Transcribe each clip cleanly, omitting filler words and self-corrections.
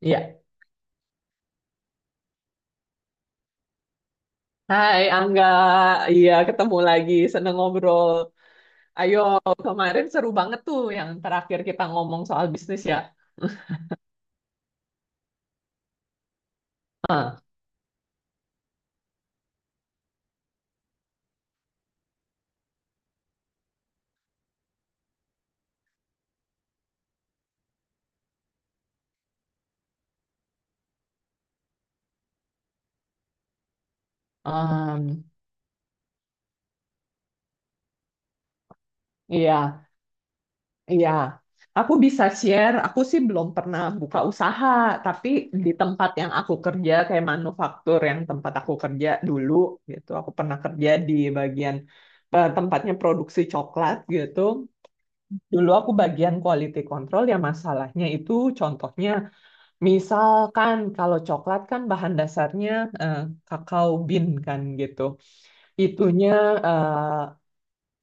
Iya. Hai Angga, iya ketemu lagi, seneng ngobrol. Ayo, kemarin seru banget tuh yang terakhir kita ngomong soal bisnis ya. Ah, em, iya, iya. Aku bisa share, aku sih belum pernah buka usaha, tapi di tempat yang aku kerja, kayak manufaktur yang tempat aku kerja dulu gitu, aku pernah kerja di bagian tempatnya produksi coklat gitu. Dulu aku bagian quality control, ya masalahnya itu contohnya misalkan kalau coklat kan bahan dasarnya eh, kakao bean kan gitu. Itunya eh,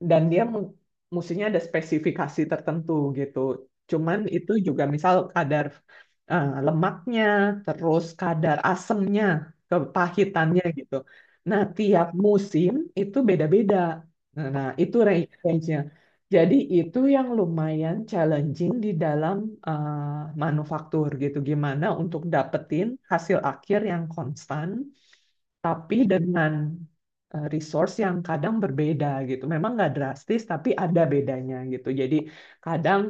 dan dia mestinya ada spesifikasi tertentu gitu. Cuman itu juga misal kadar lemaknya, terus kadar asemnya, kepahitannya gitu. Nah, tiap musim itu beda-beda. Nah, nah, itu range-nya. Jadi itu yang lumayan challenging di dalam manufaktur gitu. Gimana untuk dapetin hasil akhir yang konstan, tapi dengan resource yang kadang berbeda gitu. Memang nggak drastis, tapi ada bedanya gitu. Jadi kadang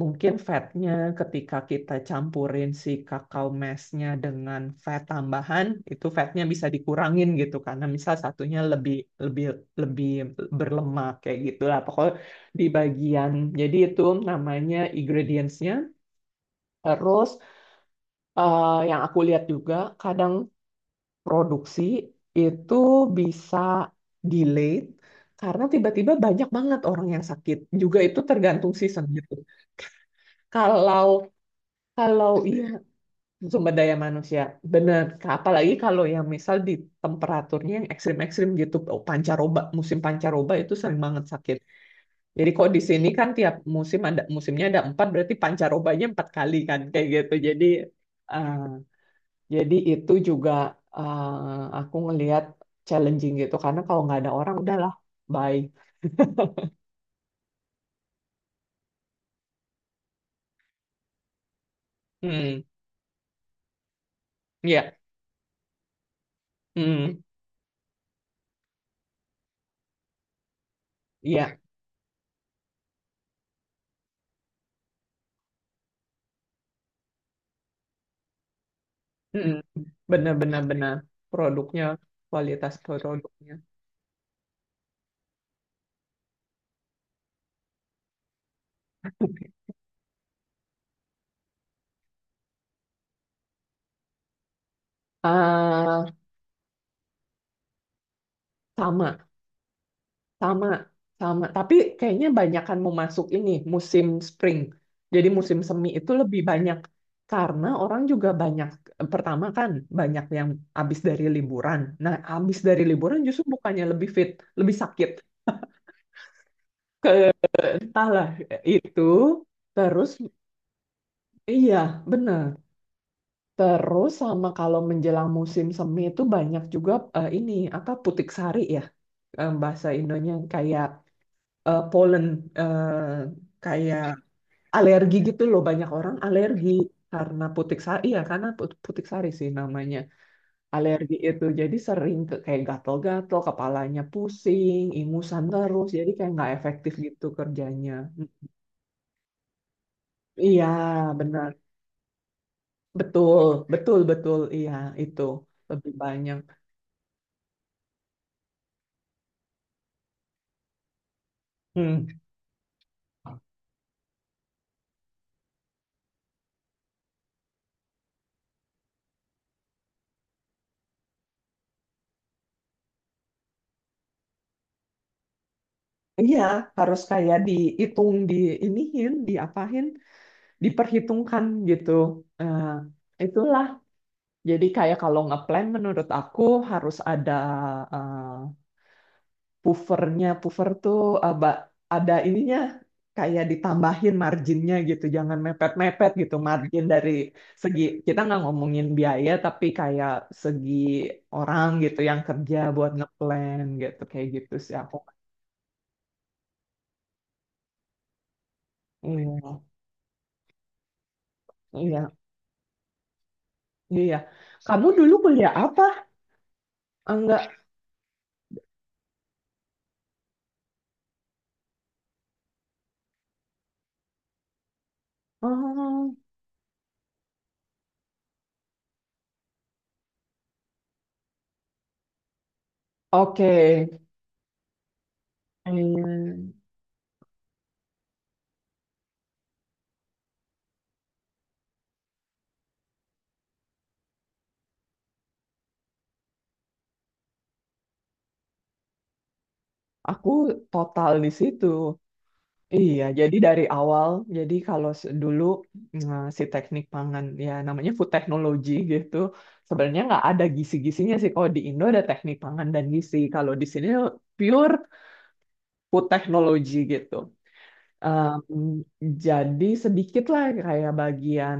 mungkin fatnya ketika kita campurin si kakao mesnya dengan fat tambahan, itu fatnya bisa dikurangin gitu karena misal satunya lebih lebih lebih berlemak kayak gitulah. Pokoknya di bagian jadi itu namanya ingredientsnya. Terus yang aku lihat juga kadang produksi itu bisa delayed karena tiba-tiba banyak banget orang yang sakit. Juga itu tergantung season gitu. Kalau kalau iya, sumber daya manusia benar. Apalagi kalau yang misal di temperaturnya yang ekstrim-ekstrim gitu, oh, pancaroba, musim pancaroba itu sering banget sakit. Jadi kok di sini kan tiap musim ada musimnya, ada empat, berarti pancarobanya empat kali kan kayak gitu. Jadi eh, jadi itu juga eh, aku ngelihat challenging gitu karena kalau nggak ada orang udahlah bye. Hmm, iya, hmm, iya, hmm, benar-benar benar produknya, kualitas produknya. ah Sama, sama, sama. Tapi kayaknya banyakan mau masuk ini musim spring. Jadi musim semi itu lebih banyak karena orang juga banyak pertama kan banyak yang habis dari liburan. Nah, habis dari liburan justru bukannya lebih fit, lebih sakit. Entahlah itu, terus iya benar, terus sama kalau menjelang musim semi itu banyak juga ini apa putik sari ya, bahasa Indonya kayak pollen, eh, kayak alergi gitu loh, banyak orang alergi karena putik sari, iya karena putik sari sih namanya, alergi itu jadi sering ke, kayak gatel-gatel, kepalanya pusing, ingusan, terus jadi kayak nggak efektif gitu kerjanya. Iya, benar. Betul, betul, betul. Iya, itu lebih banyak. Hmm. Iya, harus kayak dihitung, diiniin, diapain, diperhitungkan gitu. Eh, itulah. Jadi kayak kalau ngeplan menurut aku harus ada eh, puffernya. Puffer tuh aba, ada ininya, kayak ditambahin marginnya gitu, jangan mepet-mepet gitu margin dari segi, kita nggak ngomongin biaya tapi kayak segi orang gitu yang kerja buat ngeplan, gitu kayak gitu sih aku. Iya, iya, iya. Kamu dulu kuliah apa? Enggak. Oh, oke. Iya. Aku total di situ. Iya, jadi dari awal, jadi kalau dulu si teknik pangan, ya namanya food technology gitu, sebenarnya nggak ada gizi-gizinya sih. Kalau di Indo ada teknik pangan dan gizi, kalau di sini pure food technology gitu. Em, jadi sedikit lah kayak bagian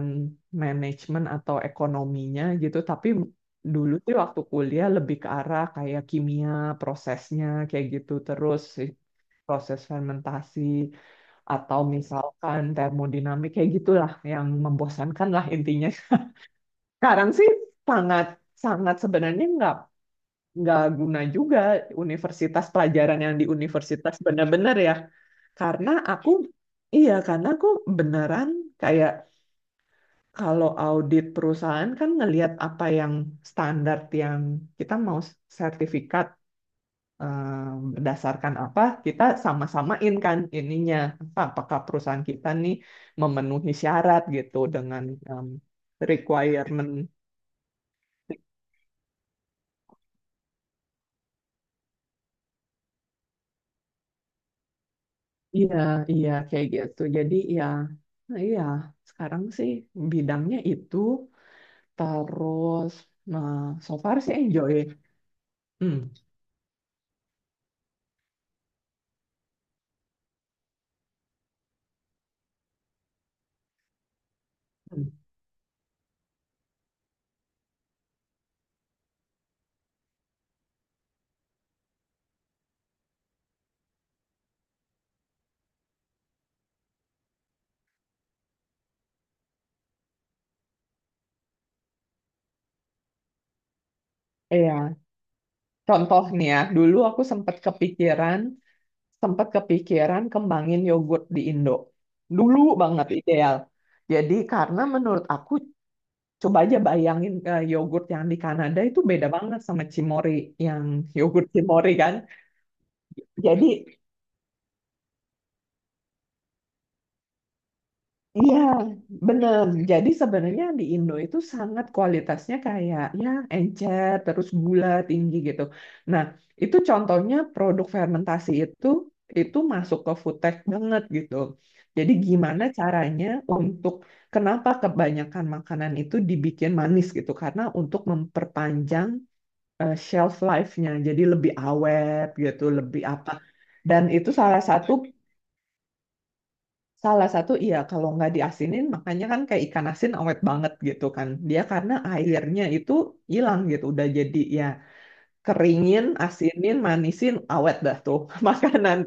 manajemen atau ekonominya gitu, tapi dulu tuh waktu kuliah lebih ke arah kayak kimia, prosesnya kayak gitu, terus proses fermentasi atau misalkan termodinamik kayak gitulah, yang membosankan lah intinya. Sekarang sih sangat sangat sebenarnya nggak guna juga universitas, pelajaran yang di universitas benar-benar ya. Karena aku, iya karena aku beneran kayak kalau audit perusahaan kan ngelihat apa yang standar yang kita mau sertifikat berdasarkan apa, kita sama-samain kan ininya, apa apakah perusahaan kita nih memenuhi syarat gitu dengan em, requirement. Iya, iya kayak gitu jadi ya, nah iya, sekarang sih bidangnya itu, terus nah, so far sih enjoy. Hmm. Hmm. Iya, contoh nih ya, dulu aku sempat kepikiran, sempat kepikiran kembangin yogurt di Indo. Dulu banget ideal. Jadi karena menurut aku coba aja bayangin, yogurt yang di Kanada itu beda banget sama Cimory, yang yogurt Cimory kan. Jadi iya, bener. Jadi sebenarnya di Indo itu sangat kualitasnya kayak ya encer, terus gula tinggi gitu. Nah, itu contohnya produk fermentasi itu masuk ke food tech banget gitu. Jadi gimana caranya untuk, kenapa kebanyakan makanan itu dibikin manis gitu? Karena untuk memperpanjang shelf life-nya, jadi lebih awet gitu, lebih apa. Dan itu salah satu, salah satu, iya kalau nggak diasinin, makanya kan kayak ikan asin awet banget gitu kan. Dia karena airnya itu hilang gitu, udah jadi ya, keringin, asinin, manisin, awet dah tuh makanan.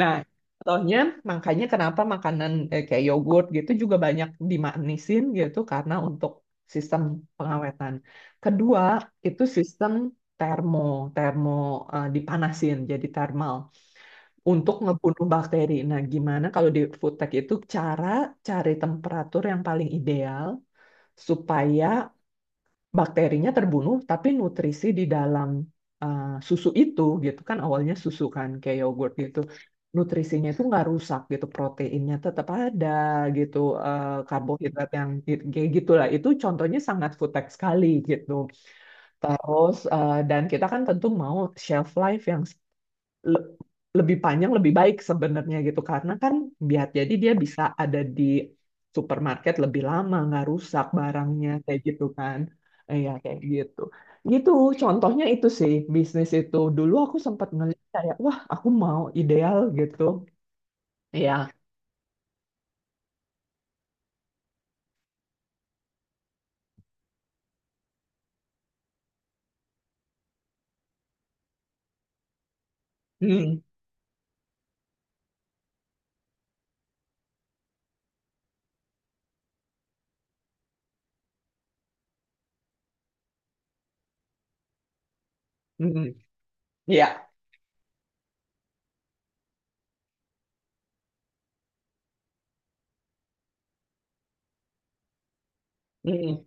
Nah, contohnya makanya kenapa makanan kayak yogurt gitu juga banyak dimanisin gitu karena untuk sistem pengawetan. Kedua, itu sistem termo, termo dipanasin, jadi thermal untuk ngebunuh bakteri. Nah, gimana kalau di food tech itu cara cari temperatur yang paling ideal supaya bakterinya terbunuh, tapi nutrisi di dalam eh, susu itu gitu kan, awalnya susu kan kayak yogurt gitu. Nutrisinya itu nggak rusak gitu, proteinnya tetap ada gitu, karbohidrat yang kayak gitulah. Itu contohnya sangat food tech sekali gitu. Terus dan kita kan tentu mau shelf life yang le- lebih panjang, lebih baik sebenarnya gitu karena kan biar jadi dia bisa ada di supermarket lebih lama, nggak rusak barangnya kayak gitu kan, iya kayak gitu gitu, contohnya itu sih bisnis itu dulu aku sempat ngeliat kayak wah aku mau ideal gitu. Iya, hmm, hmm, iya, hmm,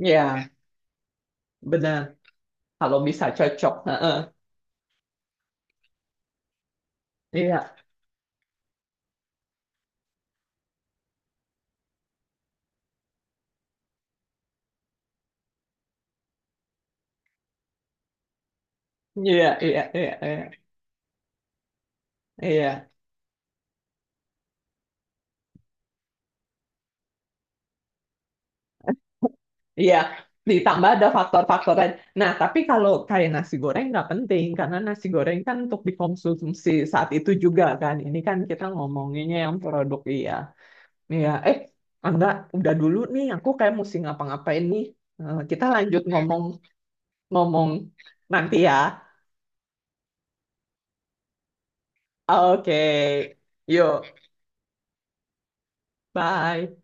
iya, benar kalau bisa cocok. Heeh. Iya, iya, iya, iya, iya. Iya. Iya, ditambah ada faktor-faktor lain. Nah, tapi kalau kayak nasi goreng nggak penting, karena nasi goreng kan untuk dikonsumsi saat itu juga kan. Ini kan kita ngomonginnya yang produk, iya. Iya, eh, Angga, udah dulu nih, aku kayak mesti ngapa-ngapain nih. Eh, kita lanjut ngomong-ngomong nanti ya. Oke, yuk, bye.